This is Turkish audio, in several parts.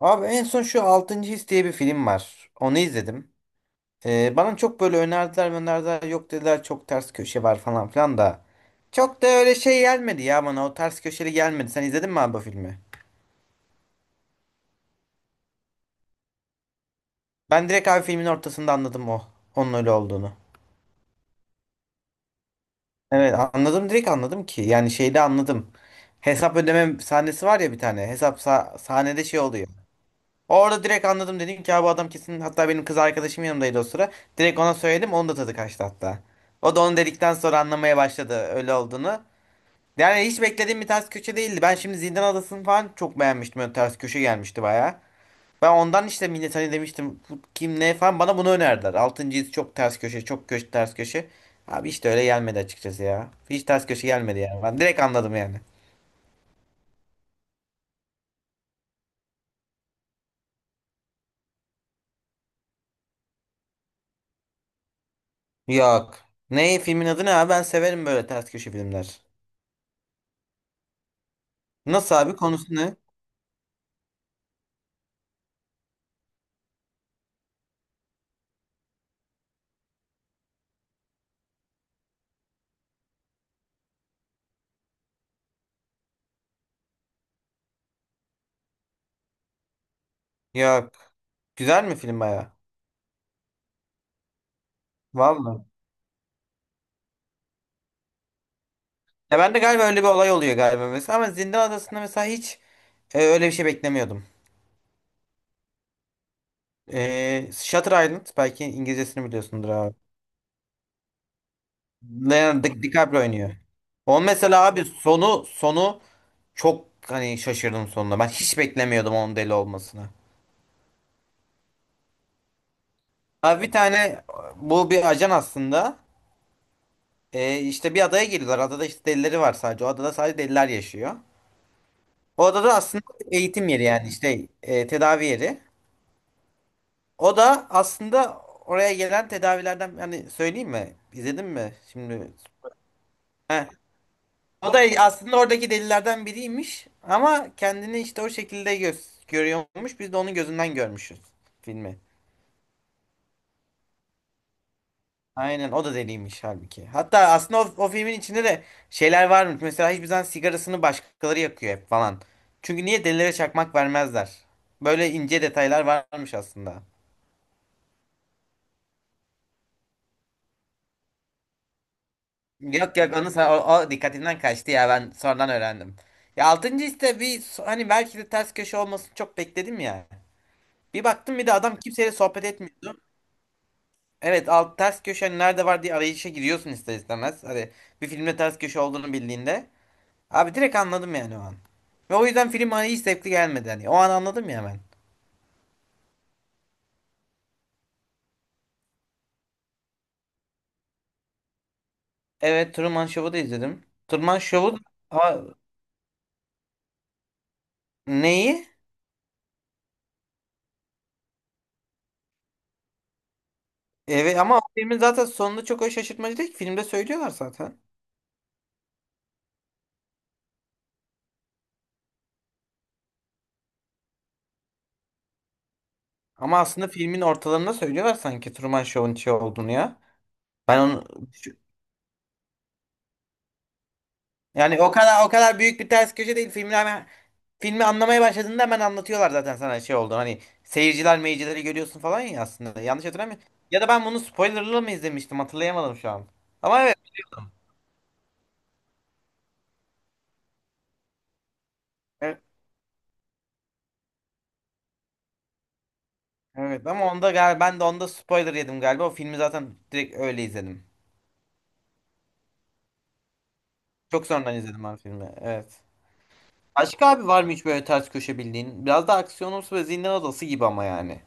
Abi en son şu Altıncı His diye bir film var. Onu izledim. Bana çok böyle önerdiler yok dediler çok ters köşe var falan filan da. Çok da öyle şey gelmedi ya bana, o ters köşeli gelmedi. Sen izledin mi abi bu filmi? Ben direkt abi filmin ortasında anladım o. Onun öyle olduğunu. Evet anladım, direkt anladım ki. Yani şeyde anladım. Hesap ödeme sahnesi var ya bir tane. Sahnede şey oluyor. Orada direkt anladım, dedim ki abi adam kesin, hatta benim kız arkadaşım yanımdaydı o sıra. Direkt ona söyledim, onun da tadı kaçtı hatta. O da onu dedikten sonra anlamaya başladı öyle olduğunu. Yani hiç beklediğim bir ters köşe değildi. Ben şimdi Zindan Adası'nı falan çok beğenmiştim. Öyle ters köşe gelmişti baya. Ben ondan işte millet hani demiştim bu kim ne falan, bana bunu önerdiler. Altıncı his çok ters köşe, çok köşe ters köşe. Abi işte öyle gelmedi açıkçası ya. Hiç ters köşe gelmedi yani. Ben direkt anladım yani. Yok. Ne filmin adı ne abi? Ben severim böyle ters köşe filmler. Nasıl abi, konusu ne? Yok. Güzel mi film baya? Vallahi. Ya ben de galiba öyle bir olay oluyor galiba mesela, ama Zindan Adası'nda mesela hiç öyle bir şey beklemiyordum. Shutter Island, belki İngilizcesini biliyorsundur abi. DiCaprio oynuyor. O mesela abi sonu çok hani şaşırdım sonunda. Ben hiç beklemiyordum onun deli olmasını. Abi bir tane, bu bir ajan aslında. İşte bir adaya giriyorlar. Adada işte delileri var sadece. O adada sadece deliler yaşıyor. O adada aslında eğitim yeri, yani işte tedavi yeri. O da aslında oraya gelen tedavilerden, yani söyleyeyim mi? İzledin mi? Şimdi heh. O da aslında oradaki delilerden biriymiş ama kendini işte o şekilde göz görüyormuş. Biz de onun gözünden görmüşüz filmi. Aynen, o da deliymiş halbuki. Hatta aslında o filmin içinde de şeyler varmış. Mesela hiçbir zaman sigarasını başkaları yakıyor hep falan. Çünkü niye delilere çakmak vermezler? Böyle ince detaylar varmış aslında. Yok yok o dikkatinden kaçtı ya, ben sonradan öğrendim. Ya altıncı işte hani belki de ters köşe olmasını çok bekledim ya. Bir baktım bir de adam kimseyle sohbet etmiyordu. Evet alt ters köşe hani nerede var diye arayışa giriyorsun ister istemez. Hani bir filmde ters köşe olduğunu bildiğinde. Abi direkt anladım yani o an. Ve o yüzden film hani hiç zevkli gelmedi hani. O an anladım ya ben. Evet, Truman Show'u da izledim. Truman Show'u. Aa, neyi? Evet ama o filmin zaten sonunda çok o şaşırtmacı değil ki. Filmde söylüyorlar zaten. Ama aslında filmin ortalarında söylüyorlar sanki Truman Show'un şey olduğunu ya. Ben onu, yani o kadar büyük bir ters köşe değil, filmi hemen, filmi anlamaya başladığında hemen anlatıyorlar zaten sana şey oldu. Hani seyirciler meyircileri görüyorsun falan ya aslında. Yanlış hatırlamıyorum. Ya da ben bunu spoilerlı mı izlemiştim, hatırlayamadım şu an. Ama evet. Evet, evet. Ama onda galiba, ben de onda spoiler yedim galiba. O filmi zaten direkt öyle izledim. Çok sonradan izledim ben filmi. Evet. Başka abi var mı hiç böyle ters köşe bildiğin? Biraz da aksiyonumsu ve zindan odası gibi ama yani.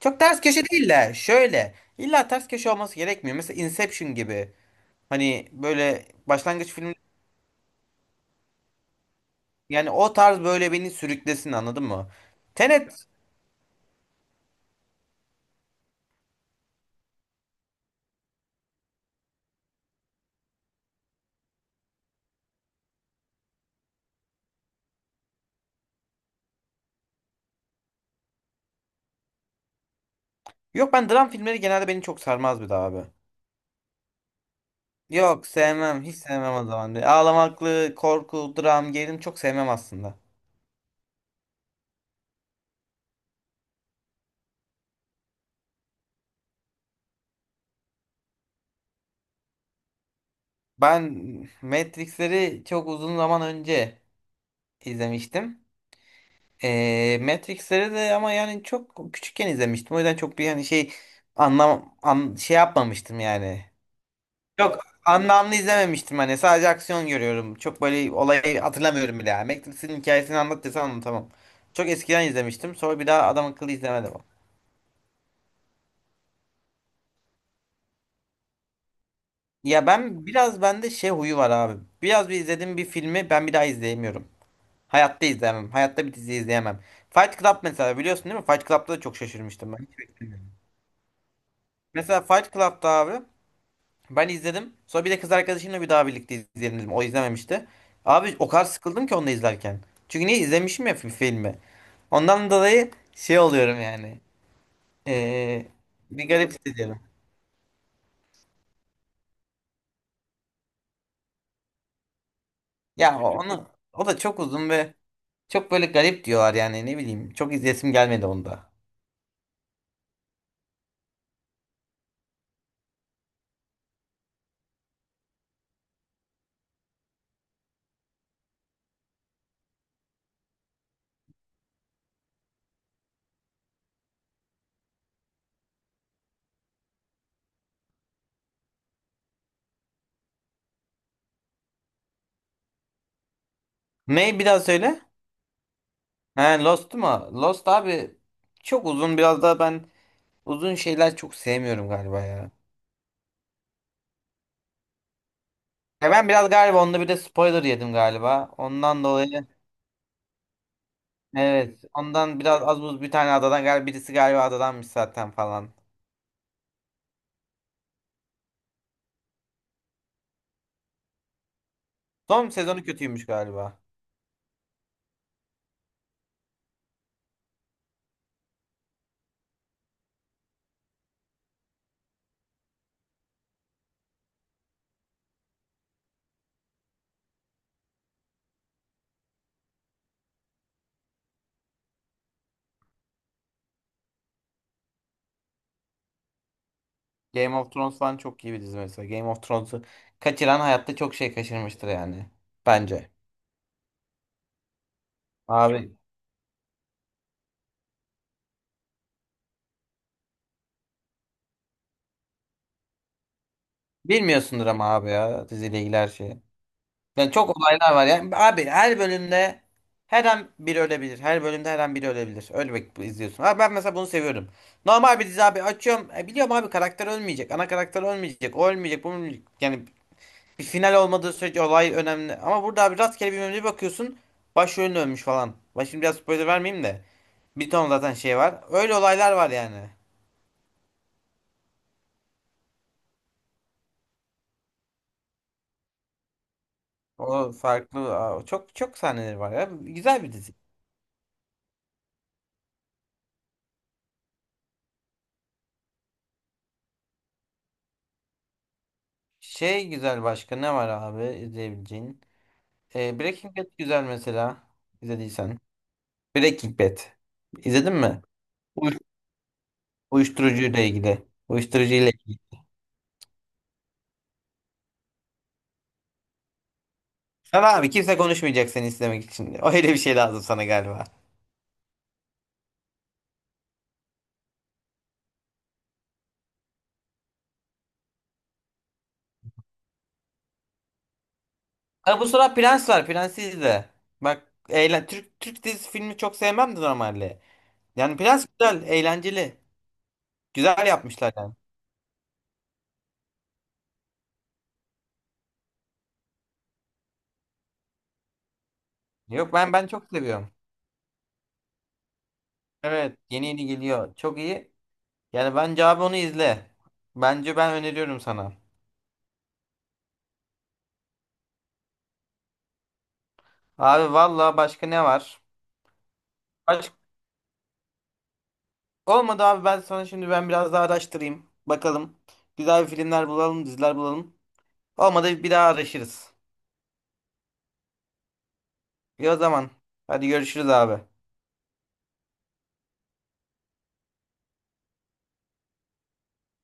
Çok ters köşe değil de şöyle. İlla ters köşe olması gerekmiyor. Mesela Inception gibi. Hani böyle başlangıç filmi, yani o tarz böyle beni sürüklesin, anladın mı? Tenet. Yok, ben dram filmleri genelde beni çok sarmaz bir daha abi. Yok sevmem. Hiç sevmem o zaman. Ağlamaklı, korku, dram, gerilim çok sevmem aslında. Ben Matrix'leri çok uzun zaman önce izlemiştim. Matrix'leri de ama yani çok küçükken izlemiştim. O yüzden çok bir hani şey şey yapmamıştım yani. Çok anlamlı izlememiştim, hani sadece aksiyon görüyorum. Çok böyle olayı hatırlamıyorum bile yani. Matrix'in hikayesini anlat desen anlatamam. Çok eskiden izlemiştim. Sonra bir daha adam akıllı izlemedim. Ya ben biraz bende şey huyu var abi. Biraz bir izlediğim bir filmi ben bir daha izleyemiyorum. Hayatta izleyemem. Hayatta bir dizi izleyemem. Fight Club mesela biliyorsun değil mi? Fight Club'da da çok şaşırmıştım ben. Mesela Fight Club'da abi, ben izledim. Sonra bir de kız arkadaşımla bir daha birlikte izleyelim dedim. O izlememişti. Abi o kadar sıkıldım ki onu da izlerken. Çünkü niye izlemişim ya filmi. Ondan dolayı şey oluyorum yani. Ee, Bir garip hissediyorum. Ya onu o da çok uzun ve çok böyle garip diyorlar yani ne bileyim. Çok izlesim gelmedi onda. Ne bir daha söyle. He Lost mu? Lost abi çok uzun, biraz daha ben uzun şeyler çok sevmiyorum galiba ya. Ya ben biraz galiba onda bir de spoiler yedim galiba. Ondan dolayı evet. Ondan biraz az buz bir tane adadan galiba birisi galiba adadanmış zaten falan. Son sezonu kötüymüş galiba. Game of Thrones falan çok iyi bir dizi mesela. Game of Thrones'u kaçıran hayatta çok şey kaçırmıştır yani. Bence. Abi bilmiyorsundur ama abi ya diziyle ilgili her şeyi. Yani çok olaylar var yani. Abi her bölümde her an biri ölebilir. Her bölümde her an biri ölebilir. Öyle ölmek izliyorsun. Abi ben mesela bunu seviyorum. Normal bir dizi abi açıyorum. Biliyorum abi karakter ölmeyecek. Ana karakter ölmeyecek. O ölmeyecek. Bu ölmeyecek. Yani bir final olmadığı sürece olay önemli. Ama burada abi rastgele bir mevzuya bakıyorsun. Başrolün ölmüş falan. Ben şimdi biraz spoiler vermeyeyim de. Bir ton zaten şey var. Öyle olaylar var yani. O farklı, aa, çok sahneleri var ya. Güzel bir dizi. Şey güzel, başka ne var abi izleyebileceğin? Breaking Bad güzel mesela. İzlediysen. Breaking Bad. İzledin mi? Uyuş Uyuşturucuyla ilgili. Uyuşturucuyla ilgili. Sana abi kimse konuşmayacak seni izlemek için. Öyle bir şey lazım sana galiba. Ha, bu sıra Prens var. Prens'i izle. Bak eğlen, Türk dizisi filmi çok sevmem de normalde. Yani Prens güzel, eğlenceli. Güzel yapmışlar yani. Yok ben çok seviyorum. Evet, yeni geliyor. Çok iyi. Yani bence abi onu izle. Bence ben öneriyorum sana. Abi valla başka ne var? Baş... Olmadı abi, ben sana şimdi biraz daha araştırayım. Bakalım. Güzel bir filmler bulalım, diziler bulalım. Olmadı bir daha araşırız. İyi o zaman. Hadi görüşürüz abi.